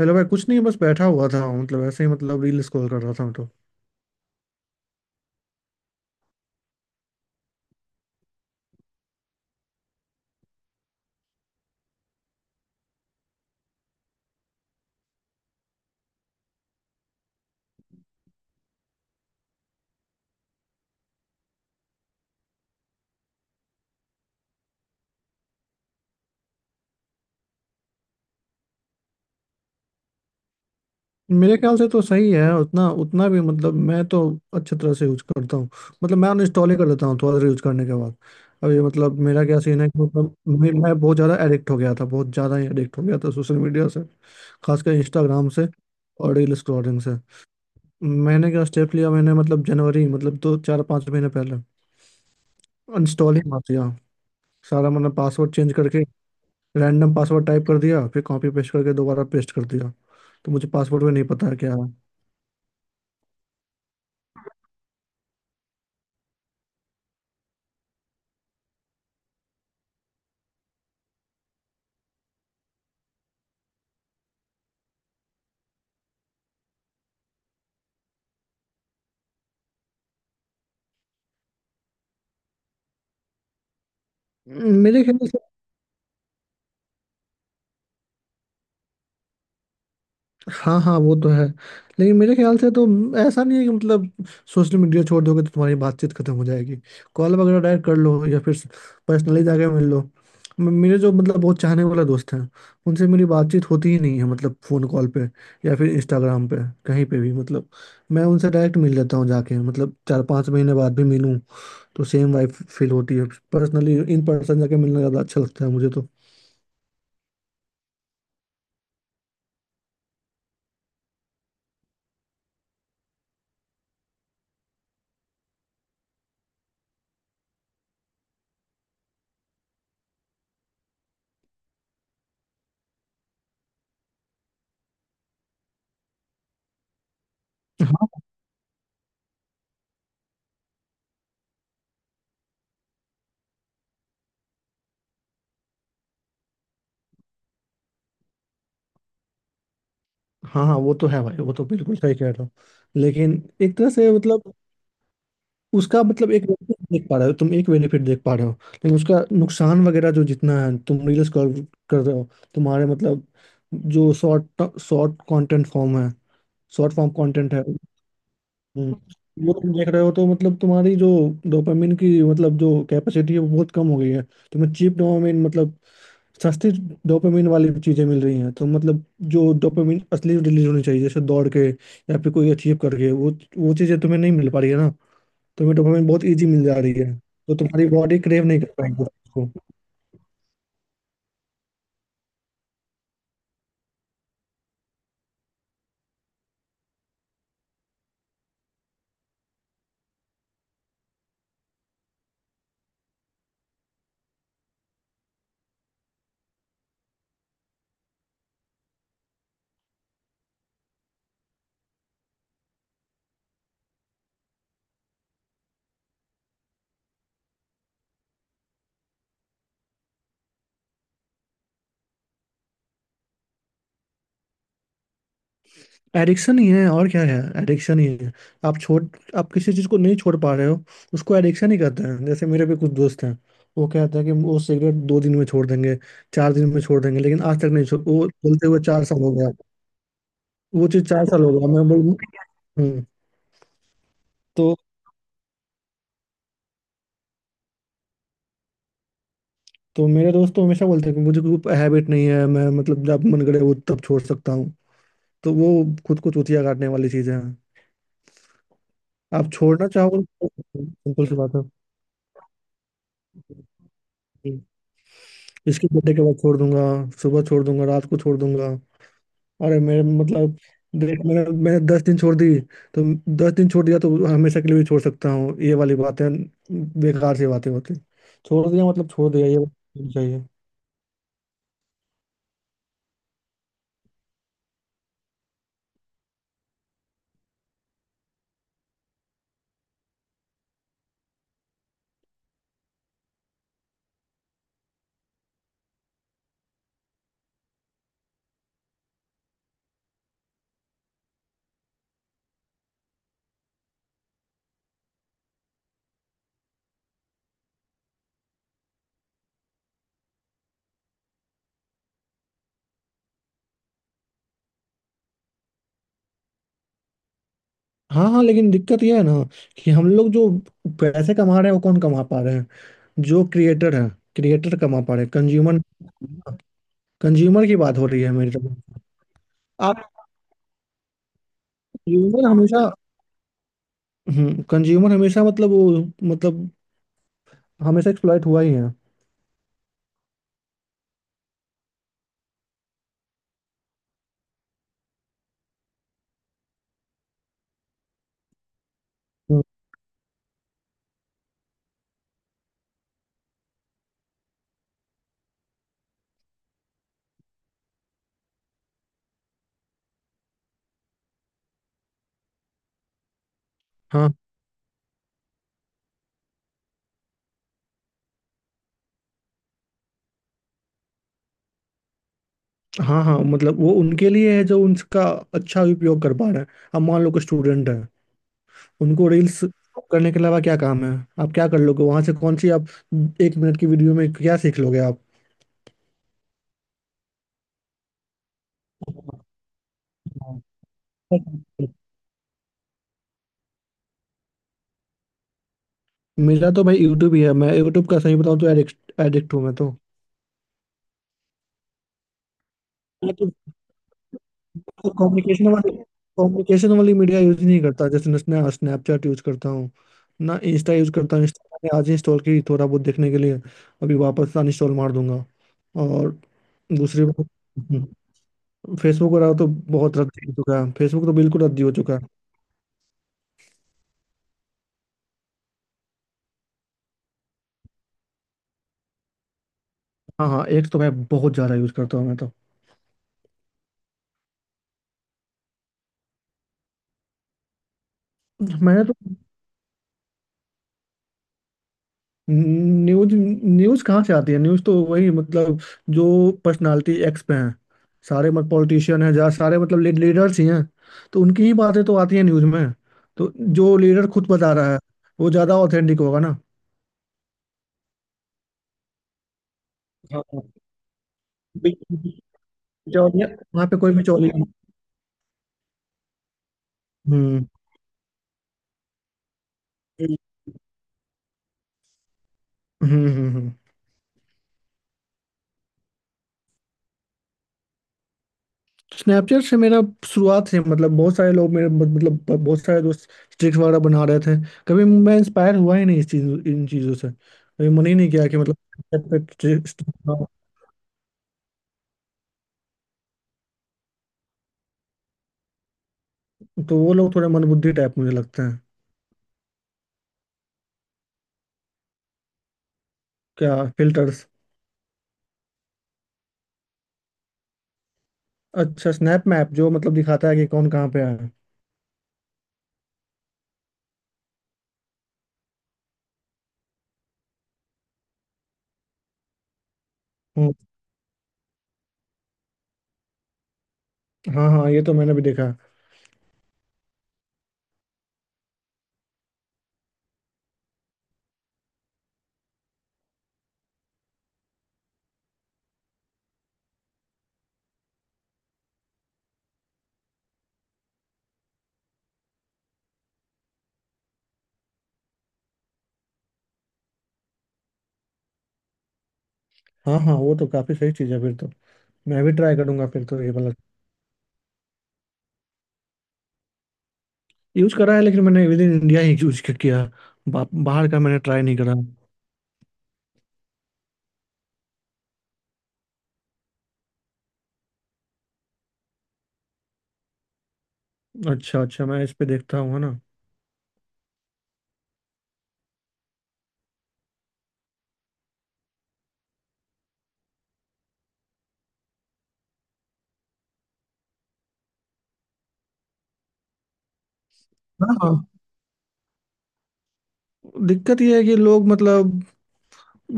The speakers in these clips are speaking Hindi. हेलो भाई, कुछ नहीं, बस बैठा हुआ था, मतलब ऐसे ही, मतलब रील स्क्रॉल कर रहा था तो। मेरे ख्याल से तो सही है उतना, उतना भी मतलब। मैं तो अच्छे तरह से यूज करता हूँ। मतलब मैं अनइंस्टॉल ही कर देता हूँ थोड़ा देर यूज करने के बाद। अब ये मतलब मेरा क्या सीन है कि मतलब मैं बहुत ज़्यादा एडिक्ट हो गया था, बहुत ज़्यादा ही एडिक्ट हो गया था सोशल मीडिया से, खासकर इंस्टाग्राम से और रील स्क्रॉलिंग से। मैंने क्या स्टेप लिया? मैंने मतलब जनवरी मतलब दो चार पाँच महीने पहले अनइंस्टॉल ही मार दिया सारा। मतलब पासवर्ड चेंज करके रैंडम पासवर्ड टाइप कर दिया, फिर कॉपी पेस्ट करके दोबारा पेस्ट कर दिया, तो मुझे पासवर्ड में नहीं पता है क्या है। मेरे ख्याल से। हाँ हाँ, वो तो है। लेकिन मेरे ख्याल से तो ऐसा नहीं है कि मतलब सोशल मीडिया छोड़ दोगे तो तुम्हारी बातचीत खत्म हो जाएगी। कॉल वगैरह डायरेक्ट कर लो या फिर पर्सनली जाके मिल लो। मेरे जो मतलब बहुत चाहने वाला दोस्त हैं, उनसे मेरी बातचीत होती ही नहीं है, मतलब फ़ोन कॉल पे या फिर इंस्टाग्राम पे, कहीं पे भी मतलब। मैं उनसे डायरेक्ट मिल लेता हूँ जाके, मतलब चार पाँच महीने बाद भी मिलूँ तो सेम वाइब फील होती है। पर्सनली इन पर्सन जाके मिलना ज्यादा अच्छा लगता है मुझे तो। हाँ हाँ हाँ, वो तो है भाई, वो तो बिल्कुल सही कह रहे हो। लेकिन एक तरह से मतलब उसका मतलब एक benefit देख पा रहे हो तुम, एक बेनिफिट देख पा रहे हो, लेकिन उसका नुकसान वगैरह जो जितना है, तुम रील्स कर कर रहे हो। तुम्हारे मतलब जो शॉर्ट शॉर्ट कंटेंट फॉर्म है, शॉर्ट फॉर्म कंटेंट है। हम्म, वो तुम देख रहे हो तो मतलब तुम्हारी जो डोपामिन की मतलब जो कैपेसिटी है वो बहुत कम हो गई है। तुम्हें चीप डोपामिन मतलब सस्ती डोपामिन वाली चीजें मिल रही हैं तो मतलब जो डोपामिन असली रिलीज होनी चाहिए जैसे दौड़ के या फिर कोई अचीव करके, वो चीजें तुम्हें नहीं मिल पा रही है ना। तुम्हें डोपामिन बहुत इजी मिल जा रही है तो तुम्हारी बॉडी क्रेव नहीं कर पाएगी उसको। एडिक्शन ही है और क्या है, एडिक्शन ही है। आप छोड़ आप किसी चीज को नहीं छोड़ पा रहे हो, उसको एडिक्शन ही कहते हैं। जैसे मेरे भी कुछ दोस्त हैं, वो कहते हैं कि वो सिगरेट दो दिन में छोड़ देंगे, चार दिन में छोड़ देंगे, लेकिन आज तक नहीं छोड़, वो बोलते हुए चार साल हो गया। वो चीज चार साल हो गया मैं बोल। हम्म। तो तो मेरे दोस्त तो हमेशा बोलते हैं कि मुझे कोई हैबिट नहीं है, मैं मतलब जब मन करे वो तब छोड़ सकता हूँ। तो वो खुद को चूतिया काटने वाली चीजें हैं। आप छोड़ना चाहो तो, सिंपल सी बात है। इसके बर्थडे के बाद छोड़ दूंगा, सुबह छोड़ दूंगा, रात को छोड़ दूंगा। अरे मेरे मतलब, देख, मैंने मैंने दस दिन छोड़ दी तो, दस दिन छोड़ दिया तो हमेशा के लिए भी छोड़ सकता हूँ, ये वाली बातें बेकार सी बातें होती। छोड़ दिया मतलब छोड़ दिया, ये वाली चाहिए। हाँ हाँ, लेकिन दिक्कत ये है ना कि हम लोग जो पैसे कमा रहे हैं वो कौन कमा पा रहे हैं? जो क्रिएटर है, क्रिएटर कमा पा रहे हैं। कंज्यूमर, कंज्यूमर की बात हो रही है मेरी तरफ। आप, कंज्यूमर हमेशा, हम्म, कंज्यूमर हमेशा मतलब वो मतलब हमेशा एक्सप्लॉइट हुआ ही है। हम्म। हाँ हाँ हाँ, मतलब वो उनके लिए है जो उनका अच्छा उपयोग कर पा रहे हैं। अब मान लो कि स्टूडेंट है, उनको रील्स करने के अलावा क्या काम है? आप क्या कर लोगे वहां से, कौन सी आप एक मिनट की वीडियो में क्या सीख लोगे आप? मेरा तो भाई यूट्यूब ही है। मैं यूट्यूब का सही बताऊं तो एडिक्ट, एडिक्ट हूँ मैं। तो कम्युनिकेशन वाली, कम्युनिकेशन वाली मीडिया यूज नहीं करता। जैसे मैं स्नैपचैट यूज करता हूँ ना, इंस्टा यूज करता हूँ। इंस्टा मैंने आज इंस्टॉल की थोड़ा बहुत देखने के लिए, अभी वापस अनइंस्टॉल मार दूंगा। और दूसरी बात, फेसबुक रहा तो बहुत रद्दी हो चुका है, फेसबुक तो बिल्कुल रद्दी हो चुका है। हाँ हाँ, एक तो मैं बहुत ज़्यादा यूज करता हूँ मैं तो। मैंने तो, न्यूज न्यूज कहाँ से आती है? न्यूज तो वही मतलब जो पर्सनालिटी एक्स पे हैं, सारे मतलब पॉलिटिशियन हैं, जहाँ सारे मतलब लीडर्स ही हैं, तो उनकी ही बातें तो आती हैं न्यूज में। तो जो लीडर खुद बता रहा है वो ज्यादा ऑथेंटिक होगा ना। बिचौलिया, वहाँ पे कोई बिचौली। हम्म। हम्म। हम्म। हम्म। स्नैपचैट से मेरा शुरुआत से मतलब बहुत सारे लोग मेरे मतलब बहुत सारे दोस्त स्ट्रिक्स वगैरह बना रहे थे, कभी मैं इंस्पायर हुआ ही नहीं इस चीज, इन चीजों से। कभी मन ही नहीं किया कि मतलब Snapchat पे streaks बनाऊं। तो वो लोग थोड़े मंदबुद्धि टाइप मुझे लगते हैं। क्या, फिल्टर्स? अच्छा स्नैप मैप, जो मतलब दिखाता है कि कौन कहाँ पे है। हम्म। हाँ हाँ, ये तो मैंने भी देखा। हाँ हाँ, वो तो काफी सही चीज है फिर तो। मैं भी ट्राई करूंगा फिर तो ये वाला। यूज करा है, लेकिन मैंने विद इन इंडिया ही यूज किया। बाहर का मैंने ट्राई नहीं करा। अच्छा अच्छा, मैं इस पे देखता हूँ, है ना। हाँ हाँ। दिक्कत ये है कि लोग मतलब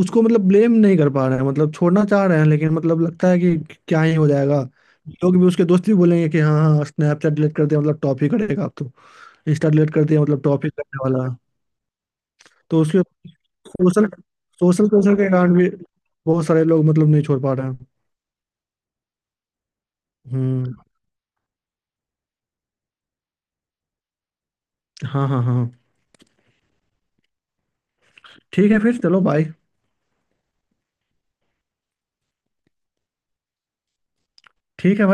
उसको मतलब ब्लेम नहीं कर पा रहे हैं, मतलब छोड़ना चाह रहे हैं, लेकिन मतलब लगता है कि क्या ही हो जाएगा। लोग भी, उसके दोस्त भी बोलेंगे कि हाँ हाँ स्नैपचैट डिलीट कर दिया, मतलब टॉप ही करेगा अब तो। इंस्टा डिलीट कर दिया मतलब टॉप ही करने वाला है। तो उसके, सोशल सोशल प्रेशर के कारण भी बहुत सारे लोग मतलब नहीं छोड़ पा रहे हैं। हम्म। हाँ हाँ हाँ। ठीक है फिर, चलो बाय। ठीक है।